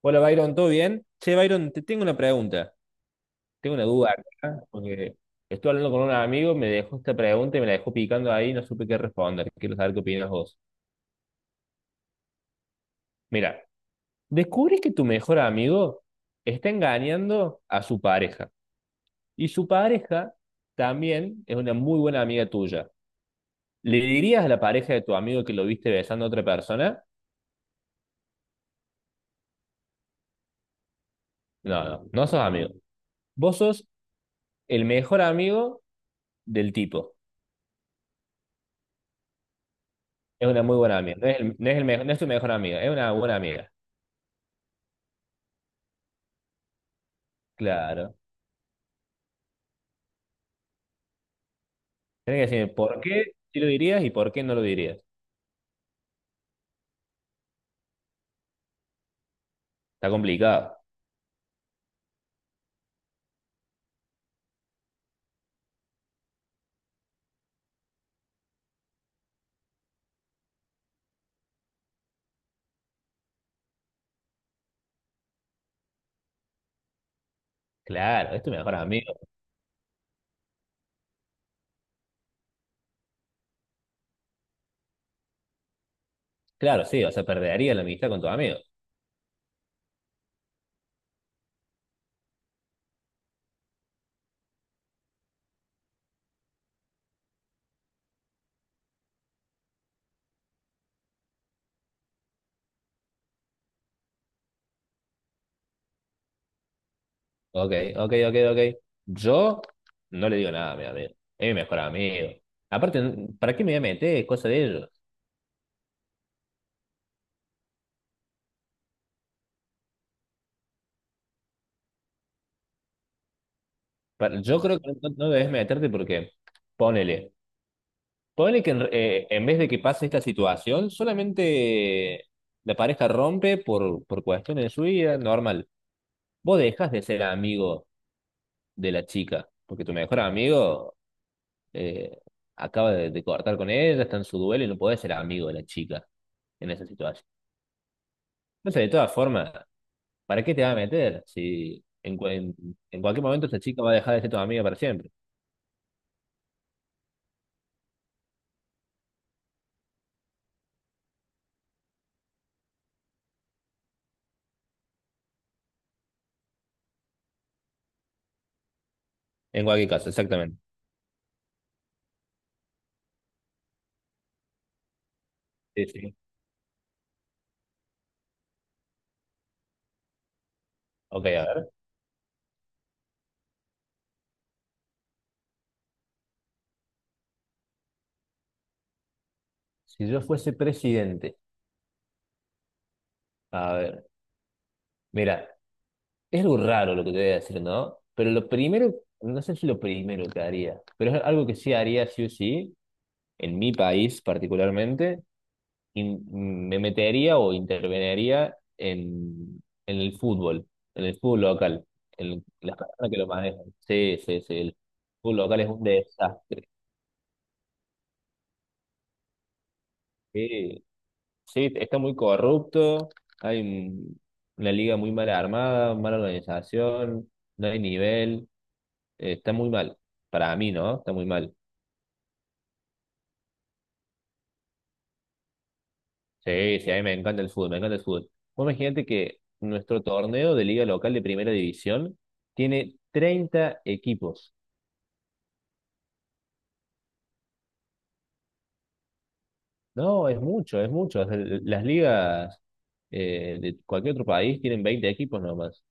Hola, Byron, ¿todo bien? Che, Byron, te tengo una pregunta, tengo una duda acá, porque estuve hablando con un amigo, me dejó esta pregunta y me la dejó picando ahí y no supe qué responder. Quiero saber qué opinas vos. Mira, descubrís que tu mejor amigo está engañando a su pareja y su pareja también es una muy buena amiga tuya. ¿Le dirías a la pareja de tu amigo que lo viste besando a otra persona? No, no, no sos amigo. Vos sos el mejor amigo del tipo. Es una muy buena amiga. No es el mejor, no es tu mejor amiga, es una buena amiga. Claro. Tienes que decir por qué sí lo dirías y por qué no lo dirías. Está complicado. Claro, es tu mejor amigo. Claro, sí, o sea, perdería la amistad con tu amigo. Ok, ok, ok, ok. Yo no le digo nada a mi amigo. Es mi mejor amigo. Aparte, ¿para qué me voy a meter? Es cosa de ellos. Yo creo que no, no debes meterte porque, ponele, ponele que en vez de que pase esta situación, solamente la pareja rompe por cuestiones de su vida, normal. Vos dejas de ser amigo de la chica, porque tu mejor amigo eh, acaba de cortar con ella, está en su duelo y no podés ser amigo de la chica en esa situación. Entonces, de todas formas, ¿para qué te vas a meter si en cualquier momento esa chica va a dejar de ser tu amiga para siempre? En cualquier caso, exactamente. Sí, sí. Ok, a ver. Si yo fuese presidente, a ver, mira, es algo raro lo que te voy a decir, ¿no? Pero lo primero, no sé si lo primero que haría, pero es algo que sí haría sí o sí, en mi país particularmente, me metería o interveniría en el fútbol local, en las personas que lo manejan. Sí, sí, sí, el fútbol local es un desastre. Sí, sí, está muy corrupto, hay un- una liga muy mal armada, mala organización, no hay nivel, está muy mal. Para mí, ¿no? Está muy mal. Sí, sí, a mí me encanta el fútbol, me encanta el fútbol. Vos imagínate que nuestro torneo de liga local de primera división tiene 30 equipos. No, es mucho, es mucho. Las ligas de cualquier otro país tienen 20 equipos nomás.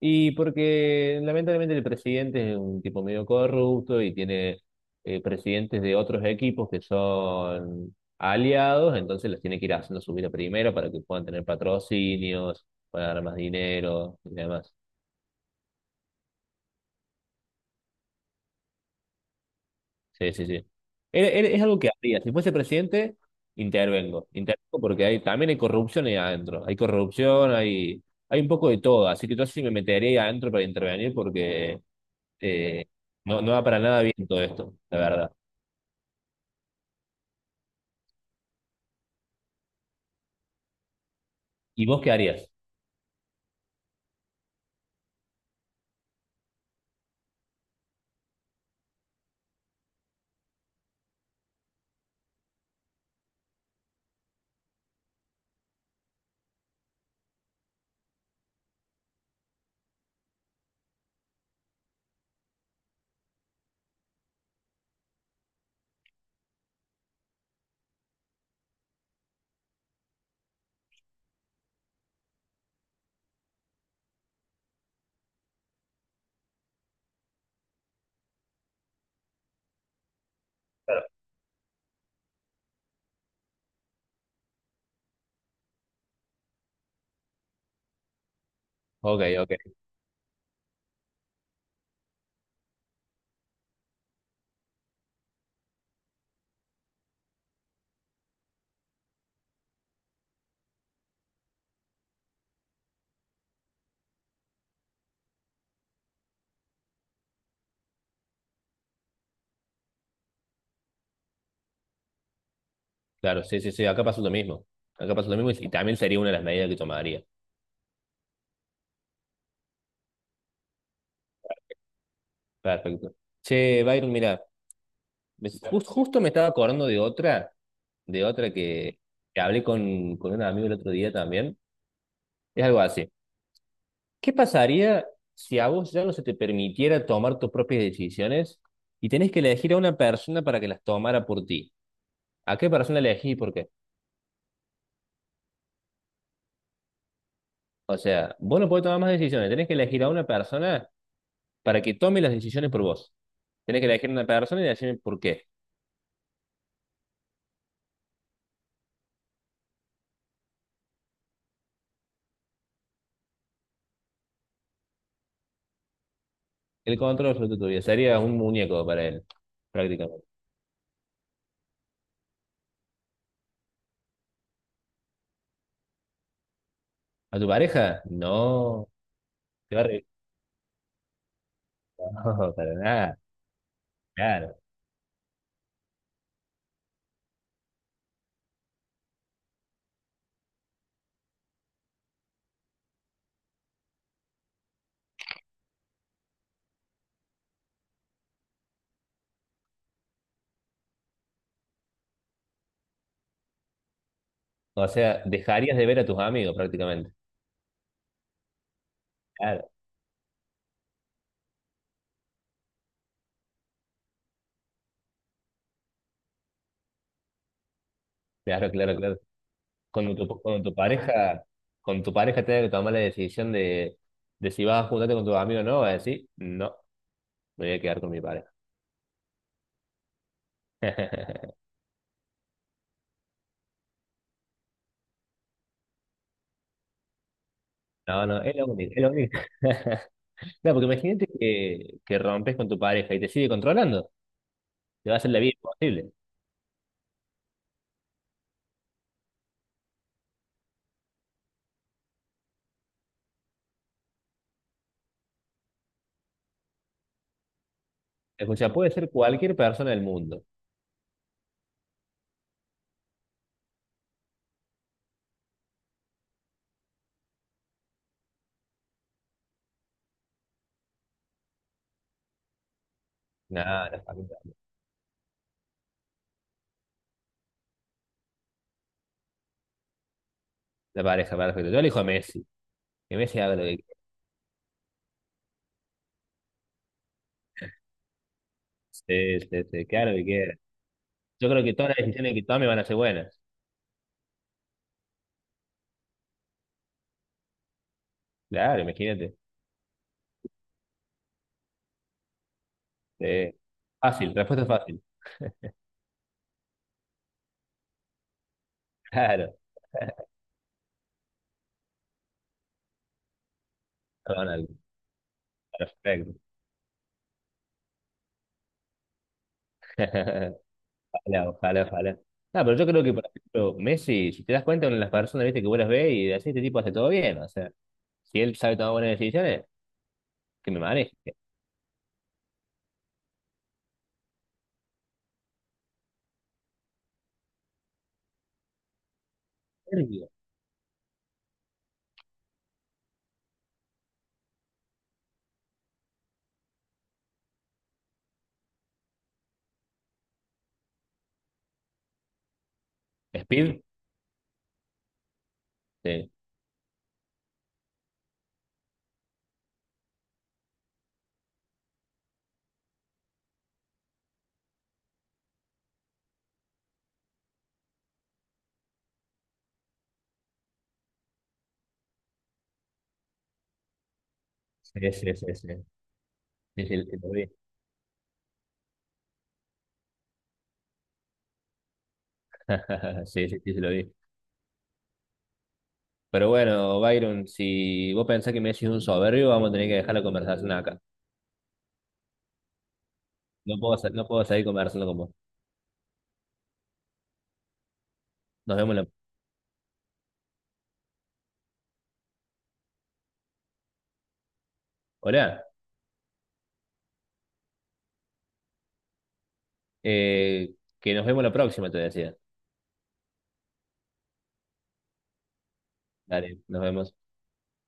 Y porque lamentablemente el presidente es un tipo medio corrupto y tiene presidentes de otros equipos que son aliados, entonces los tiene que ir haciendo subir a primera para que puedan tener patrocinios, para ganar más dinero y demás. Sí, sí, sí. Es algo que haría. Si fuese presidente, intervengo. Intervengo porque hay, también hay corrupción ahí adentro. Hay corrupción, hay un poco de todo. Así que yo sí me metería ahí adentro para intervenir porque eh, no, no va para nada bien todo esto, la verdad. ¿Y vos qué harías? Ok, ok. Claro, sí, sí, sí. Acá pasó lo mismo. Acá pasó lo mismo y también sería una de las medidas que tomaría. Perfecto. Che, Byron, mira, justo me estaba acordando de otra que hablé con un amigo el otro día también. Es algo así. ¿Qué pasaría si a vos ya no se te permitiera tomar tus propias decisiones y tenés que elegir a una persona para que las tomara por ti? ¿A qué persona elegís y por qué? O sea, vos no podés tomar más decisiones, tenés que elegir a una persona para que tome las decisiones por vos. Tenés que elegir a una persona y decirme por qué. El control sobre tu vida sería un muñeco para él, prácticamente. ¿A tu pareja? No, te va a re- No, para nada, claro. O sea, dejarías de ver a tus amigos prácticamente. Claro, claro, claro, claro. Cuando tu, cuando tu pareja tenga que tomar la decisión de si vas a juntarte con tus amigos o no, vas a decir, no, me voy a quedar con mi pareja. No, no, es lo único, es lo único. No, porque imagínate que rompes con tu pareja y te sigue controlando, te va a hacer la vida imposible. Escucha, puede ser cualquier persona del mundo. No, la familia, la pareja, perfecto. Yo elijo a Messi, que Messi haga lo que quiera, sí, sí, sí, que haga lo que quiera. Yo creo que todas las decisiones que tome van a ser buenas. Claro, imagínate. Sí. Fácil, respuesta fácil. Claro. Ronaldo, perfecto. Ojalá, ojalá, ojalá. No, pero yo creo que, por ejemplo, Messi, si te das cuenta, una de las personas, viste, que vos las ves y decís, este tipo hace todo bien. O sea, si él sabe tomar buenas decisiones, que me maneje. Nervio. Speed, sí. Sí, sí, sí, sí. Sí, sí, sí, lo vi. Sí, sí, sí, sí, lo vi. Pero bueno, Byron, si vos pensás que Messi es un soberbio, vamos a tener que dejar la conversación acá. No puedo, no puedo seguir conversando con vos. Nos vemos la... Hola, eh, que nos vemos la próxima, te decía. Dale, nos vemos.